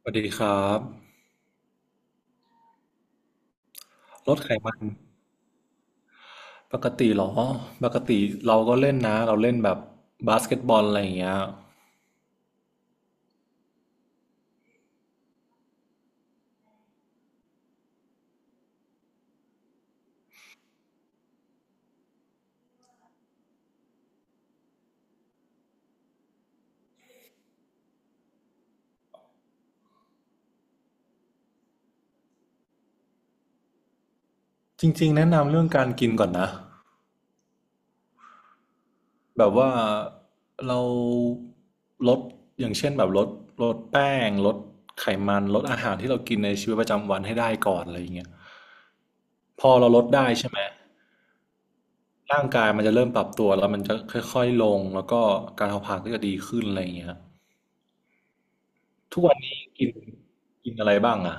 สวัสดีครับลดไขมันปกติเหรอปกติเราก็เล่นนะเราเล่นแบบบาสเกตบอลอะไรอย่างเงี้ยจริงๆแนะนำเรื่องการกินก่อนนะแบบว่าเราลดอย่างเช่นแบบลดแป้งลดไขมันลดอาหารที่เรากินในชีวิตประจำวันให้ได้ก่อนอะไรอย่างเงี้ยพอเราลดได้ใช่ไหมร่างกายมันจะเริ่มปรับตัวแล้วมันจะค่อยๆลงแล้วก็การเผาผลาญก็จะดีขึ้นอะไรอย่างเงี้ยทุกวันนี้กินกินอะไรบ้างอ่ะ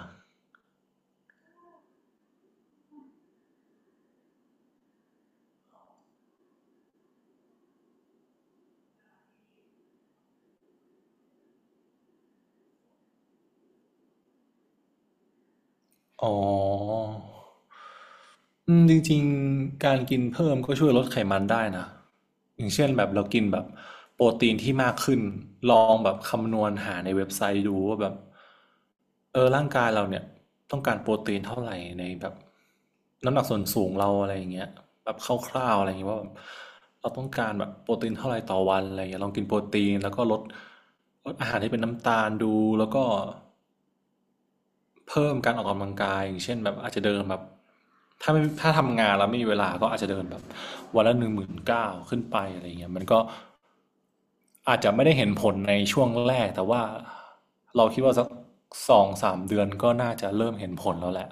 อ๋อจริงๆการกินเพิ่มก็ช่วยลดไขมันได้นะอย่างเช่นแบบเรากินแบบโปรตีนที่มากขึ้นลองแบบคำนวณหาในเว็บไซต์ดูว่าแบบเออร่างกายเราเนี่ยต้องการโปรตีนเท่าไหร่ในแบบน้ำหนักส่วนสูงเราอะไรอย่างเงี้ยแบบคร่าวๆอะไรอย่างเงี้ยว่าแบบเราต้องการแบบโปรตีนเท่าไหร่ต่อวันอะไรอย่างเงี้ยลองกินโปรตีนแล้วก็ลดอาหารที่เป็นน้ำตาลดูแล้วก็ เพิ่มการออกกำลังกายอย่างเช่นแบบอาจจะเดินแบบถ้าทำงานแล้วไม่มีเวลาก็อาจจะเดินแบบวันละ19,000ขึ้นไปอะไรเงี้ยมันก็อาจจะไม่ได้เห็นผลในช่วงแรกแต่ว่าเราคิดว่าสักสองสามเดือนก็น่าจะเริ่มเห็นผลแล้วแหละ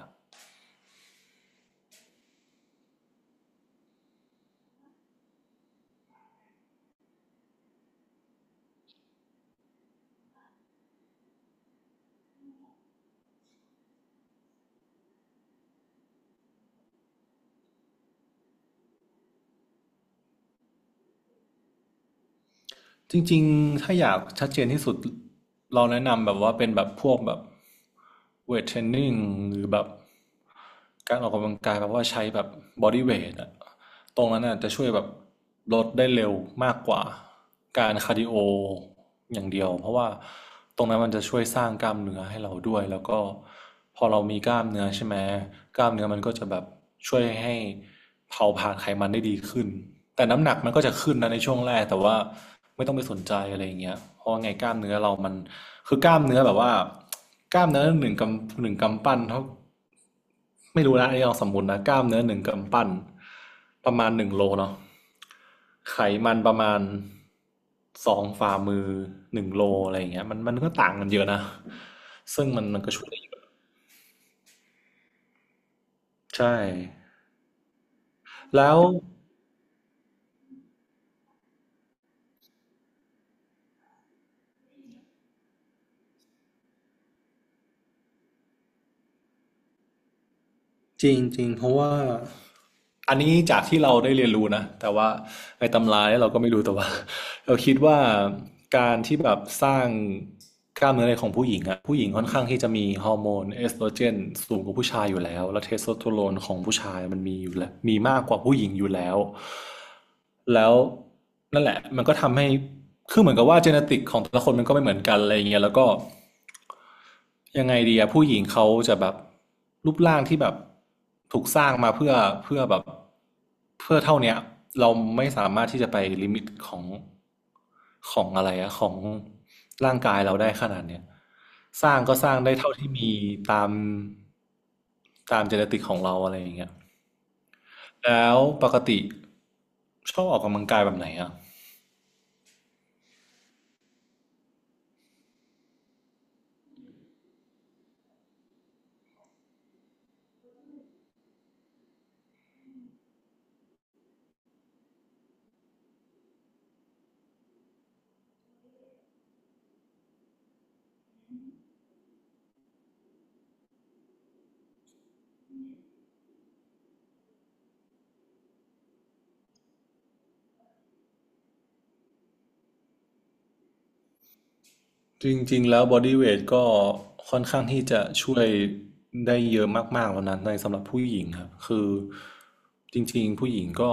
จริงๆ ถ้าอยากชัดเจนที่สุดเราแนะนำแบบว่าเป็นแบบพวกแบบเวทเทรนนิ่งหรือแบบการออกกำลังกายแบบว่าใช้แบบบอดี้เวทอะตรงนั้นน่ะจะช่วยแบบลดได้เร็วมากกว่าการคาร์ดิโออย่างเดียวเพราะว่าตรงนั้นมันจะช่วยสร้างกล้ามเนื้อให้เราด้วยแล้วก็พอเรามีกล้ามเนื้อใช่ไหมกล้ามเนื้อมันก็จะแบบช่วยให้ เผาผลาญไขมันได้ดีขึ้นแต่น้ำหนักมันก็จะขึ้นนะในช่วงแรกแต่ว่าไม่ต้องไปสนใจอะไรอย่างเงี้ยเพราะว่าไงกล้ามเนื้อเรามันคือกล้ามเนื้อแบบว่ากล้ามเนื้อหนึ่งกำปั้นเท่าไม่รู้นะอันนี้ลองสมมตินะกล้ามเนื้อหนึ่งกำปั้นประมาณหนึ่งโลเนาะไขมันประมาณ2 ฝ่ามือหนึ่งโลอะไรอย่างเงี้ยมันก็ต่างกันเยอะนะซึ่งมันก็ช่วยได้เยอะใช่แล้ว จริงจริงเพราะว่าอันนี้จากที่เราได้เรียนรู้นะแต่ว่าในตำราเนี่ยเราก็ไม่รู้แต่ว่า เราคิดว่าการที่แบบสร้างกล้ามเนื้อในของผู้หญิงอะผู้หญิงค่อนข้างที่จะมีฮอร์โมนเอสโตรเจนสูงกว่าผู้ชายอยู่แล้วและเทสโทสเตอโรนของผู้ชายมันมีอยู่แล้วมีมากกว่าผู้หญิงอยู่แล้วแล้วนั่นแหละมันก็ทำให้คือเหมือนกับว่าเจเนติกของแต่ละคนมันก็ไม่เหมือนกันอะไรอย่างเงี้ยแล้วก็ ยังไงดีอะผู้หญิงเขาจะแบบรูปร่างที่แบบถูกสร้างมาเพื่อเพื่อแบบเพื่อเท่าเนี้ยเราไม่สามารถที่จะไปลิมิตของของอะไรอะของร่างกายเราได้ขนาดเนี้ยสร้างก็สร้างได้เท่าที่มีตามตามเจเนติกของเราอะไรอย่างเงี้ยแล้วปกติชอบออกกำลังกายแบบไหนอะ จริงๆแล้วบอดี้เวทก็ค่อนข้างที่จะช่วยได้เยอะมากๆแล้วนะในสำหรับผู้หญิงครับคือจริงๆผู้หญิงก็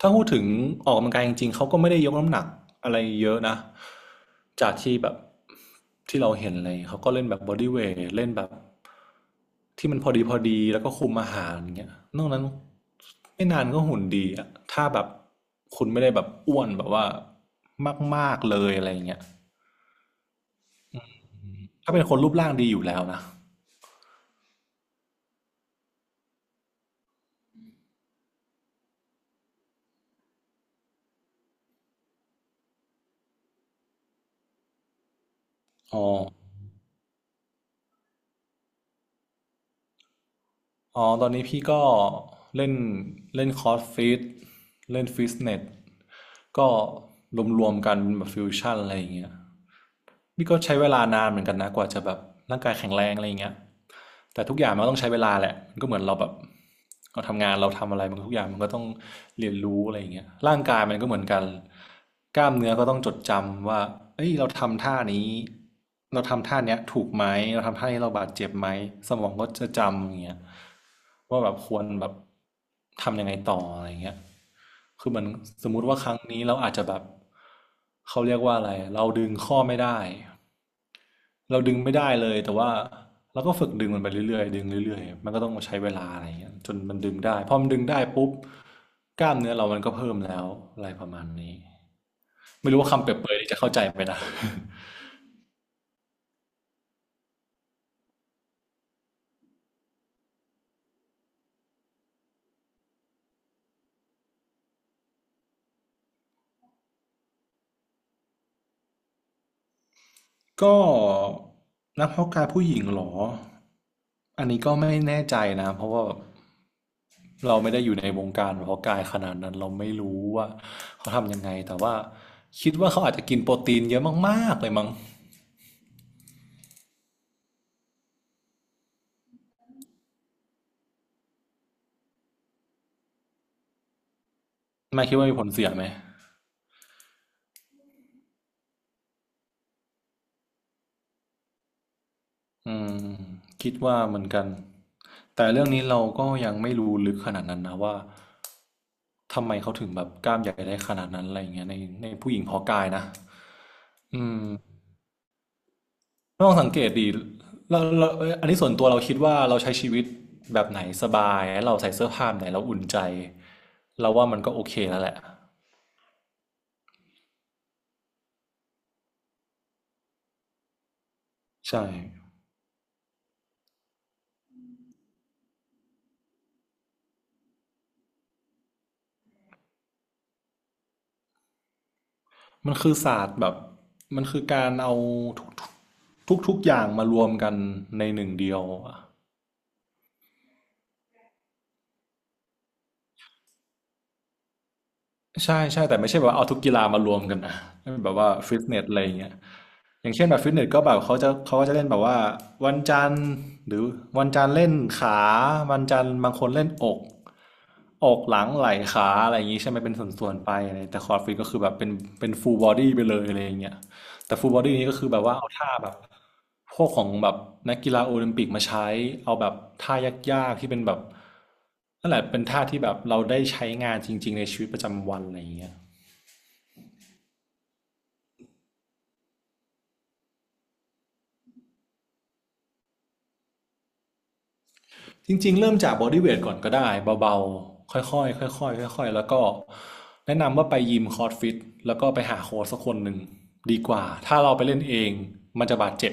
ถ้าพูดถึงออกกำลังกายจริงๆเขาก็ไม่ได้ยกน้ำหนักอะไรเยอะนะจากที่แบบที่เราเห็นเลยเขาก็เล่นแบบบอดี้เวทเล่นแบบที่มันพอดีพอดีแล้วก็คุมอาหารเงี้ยนอกนั้นไม่นานก็หุ่นดีอะถ้าแบบคุณไม่ได้แบบอ้วนแบบว่ามากๆเลยอะไรเงี้ย ถ้าเป็นคนรูปร่างดีอยู่แล้วนะ อ๋ออ๋อตอนนี้พี่ก็เล่นเล่นคอร์สฟิตเล่นฟิตเนสก็รวมๆกันแบบฟิวชั่นอะไรอย่างเงี้ยนี่ก็ใช้เวลานานเหมือนกันนะกว่าจะแบบร่างกายแข็งแรงอะไรอย่างเงี้ย แต่ทุกอย่างมันก็ต้องใช้เวลาแหละมันก็เหมือนเราแบบเราทำงานเราทำอะไรมันทุกอย่างมันก็ต้องเรียนรู้อะไรอย่างเงี้ยร่างกายมันก็เหมือนกันกล้ามเนื้อก็ต้องจดจำว่าเอ้ยเราทำท่านี้เราทำท่านี้ถูกไหมเราทำท่านี้เราบาดเจ็บไหมสมองก็จะจำอย่างเงี้ยว่าแบบควรแบบทำยังไงต่ออะไรอย่างเงี้ยคือเหมือนสมมุติว่าครั้งนี้เราอาจจะแบบเขาเรียกว่าอะไรเราดึงข้อไม่ได้ เราดึงไม่ได้เลยแต่ว่าเราก็ฝึกดึงมันไปเรื่อยๆดึงเรื่อยๆมันก็ต้องใช้เวลาอะไรอย่างเงี้ยจนมันดึงได้พอมันดึงได้ปุ๊บกล้ามเนื้อเรามันก็เพิ่มแล้วอะไรประมาณนี้ไม่รู้ว่าคำเปรียบเปรยนี่จะเข้าใจไหมนะ ก็นักเพาะกายผู้หญิงเหรออันนี้ก็ไม่แน่ใจนะเพราะว่าเราไม่ได้อยู่ในวงการเพาะกายขนาดนั้นเราไม่รู้ว่าเขาทำยังไงแต่ว่าคิดว่าเขาอาจจะกินโปรตีนเยอะมากๆเลยมั้งไม่คิดว่ามีผลเสียไหม อืมคิดว่าเหมือนกัน แต่เรื่องนี้เราก็ยังไม่รู้ลึกขนาดนั้นนะว่าทำไมเขาถึงแบบกล้ามใหญ่ได้ขนาดนั้นอะไรอย่างเงี้ยในผู้หญิงฮอกอายนะอืมลองสังเกตดีเราเอ้ยอันนี้ส่วนตัวเราคิดว่าเราใช้ชีวิตแบบไหนสบายเราใส่เสื้อผ้าแบบไหนเราอุ่นใจเราว่ามันก็โอเคแล้วแหละใช่มันคือศาสตร์แบบมันคือการเอาทุกทุกทุกๆอย่างมารวมกันในหนึ่งเดียวอะ ใช่แต่ไม่ใช่แบบว่าเอาทุกกีฬามารวมกันนะแบบว่าฟิตเนสอะไรอย่างเงี้ย อย่างเช่นแบบฟิตเนสก็แบบเขาจะเขาก็จะเล่นแบบว่าวันจันทร์หรือวันจันทร์เล่นขาวันจันทร์บางคนเล่นอกอกหลังไหล่ขาอะไรอย่างนี้ใช่ไหมเป็นส่วนๆไปอะไรแต่คอร์ดฟิตก็คือแบบเป็นฟูลบอดี้ไปเลยอะไรอย่างเงี้ยแต่ฟูลบอดี้นี้ก็คือแบบว่าเอาท่าแบบพวกของแบบนักกีฬาโอลิมปิกมาใช้เอาแบบท่ายากๆที่เป็นแบบนั่นแหละเป็นท่าที่แบบเราได้ใช้งานจริงๆในชีวิตประจำวันอะไรอย่างเงี้ย จริงๆเริ่มจากบอดี้เวทก่อนก็ได้เบาๆค่อยๆค่อยๆค่อยๆแล้วก็แนะนำว่าไปยิมคอร์สฟิตแล้วก็ไปหาโค้ชสักคนหนึ่งดีกว่าถ้าเราไปเล่นเองมันจะบาดเจ็บ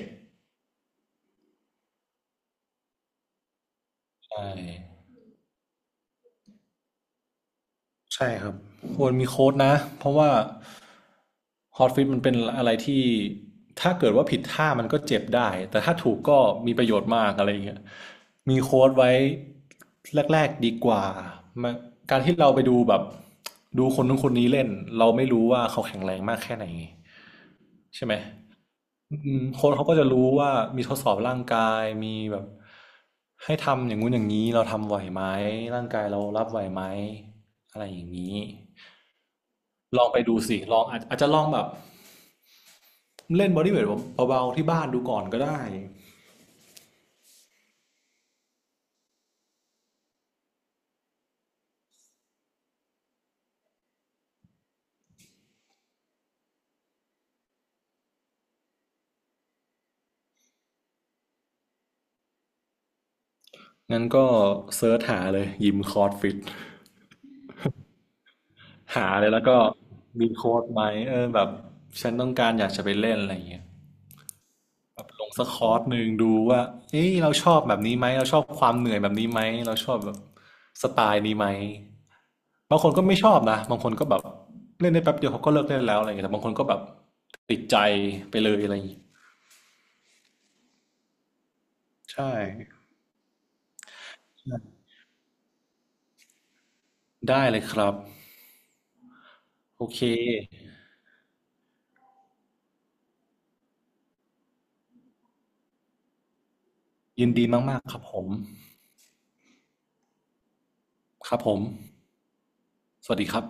ใช่ ใช่ครับควรมีโค้ดนะเพราะว่าฮอตฟิตมันเป็นอะไรที่ถ้าเกิดว่าผิดท่ามันก็เจ็บได้แต่ถ้าถูกก็มีประโยชน์มากอะไรอย่างเงี้ยมีโค้ดไว้แรกๆดีกว่ามาการที่เราไปดูแบบดูคนนู้นคนนี้เล่นเราไม่รู้ว่าเขาแข็งแรงมากแค่ไหนใช่ไหมอืมโค้ชเขาก็จะรู้ว่ามีทดสอบร่างกายมีแบบให้ทำอย่างงู้นอย่างนี้เราทำไหวไหมร่างกายเรารับไหวไหมอะไรอย่างนี้ ลองไปดูสิลองอาจจะลองแบบเล่นบอดี้เวทเบาๆที่บ้านดูก่อนก็ได้งั้นก็เซิร์ชหาเลยยิมคอร์สฟิตหาเลยแล้วก็มีโค้ดไหมเออแบบฉันต้องการอยากจะไปเล่นอะไรอย่างเงี้ยแบบลงสักคอร์สหนึ่งดูว่าเอ้ยเราชอบแบบนี้ไหมเราชอบความเหนื่อยแบบนี้ไหมเราชอบแบบสไตล์นี้ไหมบางคนก็ไม่ชอบนะบางคนก็แบบเล่นได้แป๊บเดียวเขาก็เลิกเล่นแล้วอะไรอย่างเงี้ยแต่บางคนก็แบบติดใจไปเลยอะไรอย่างเงี้ยใช่ได้เลยครับ โอเคยินดีมากๆครับผมครับผมสวัสดีครับ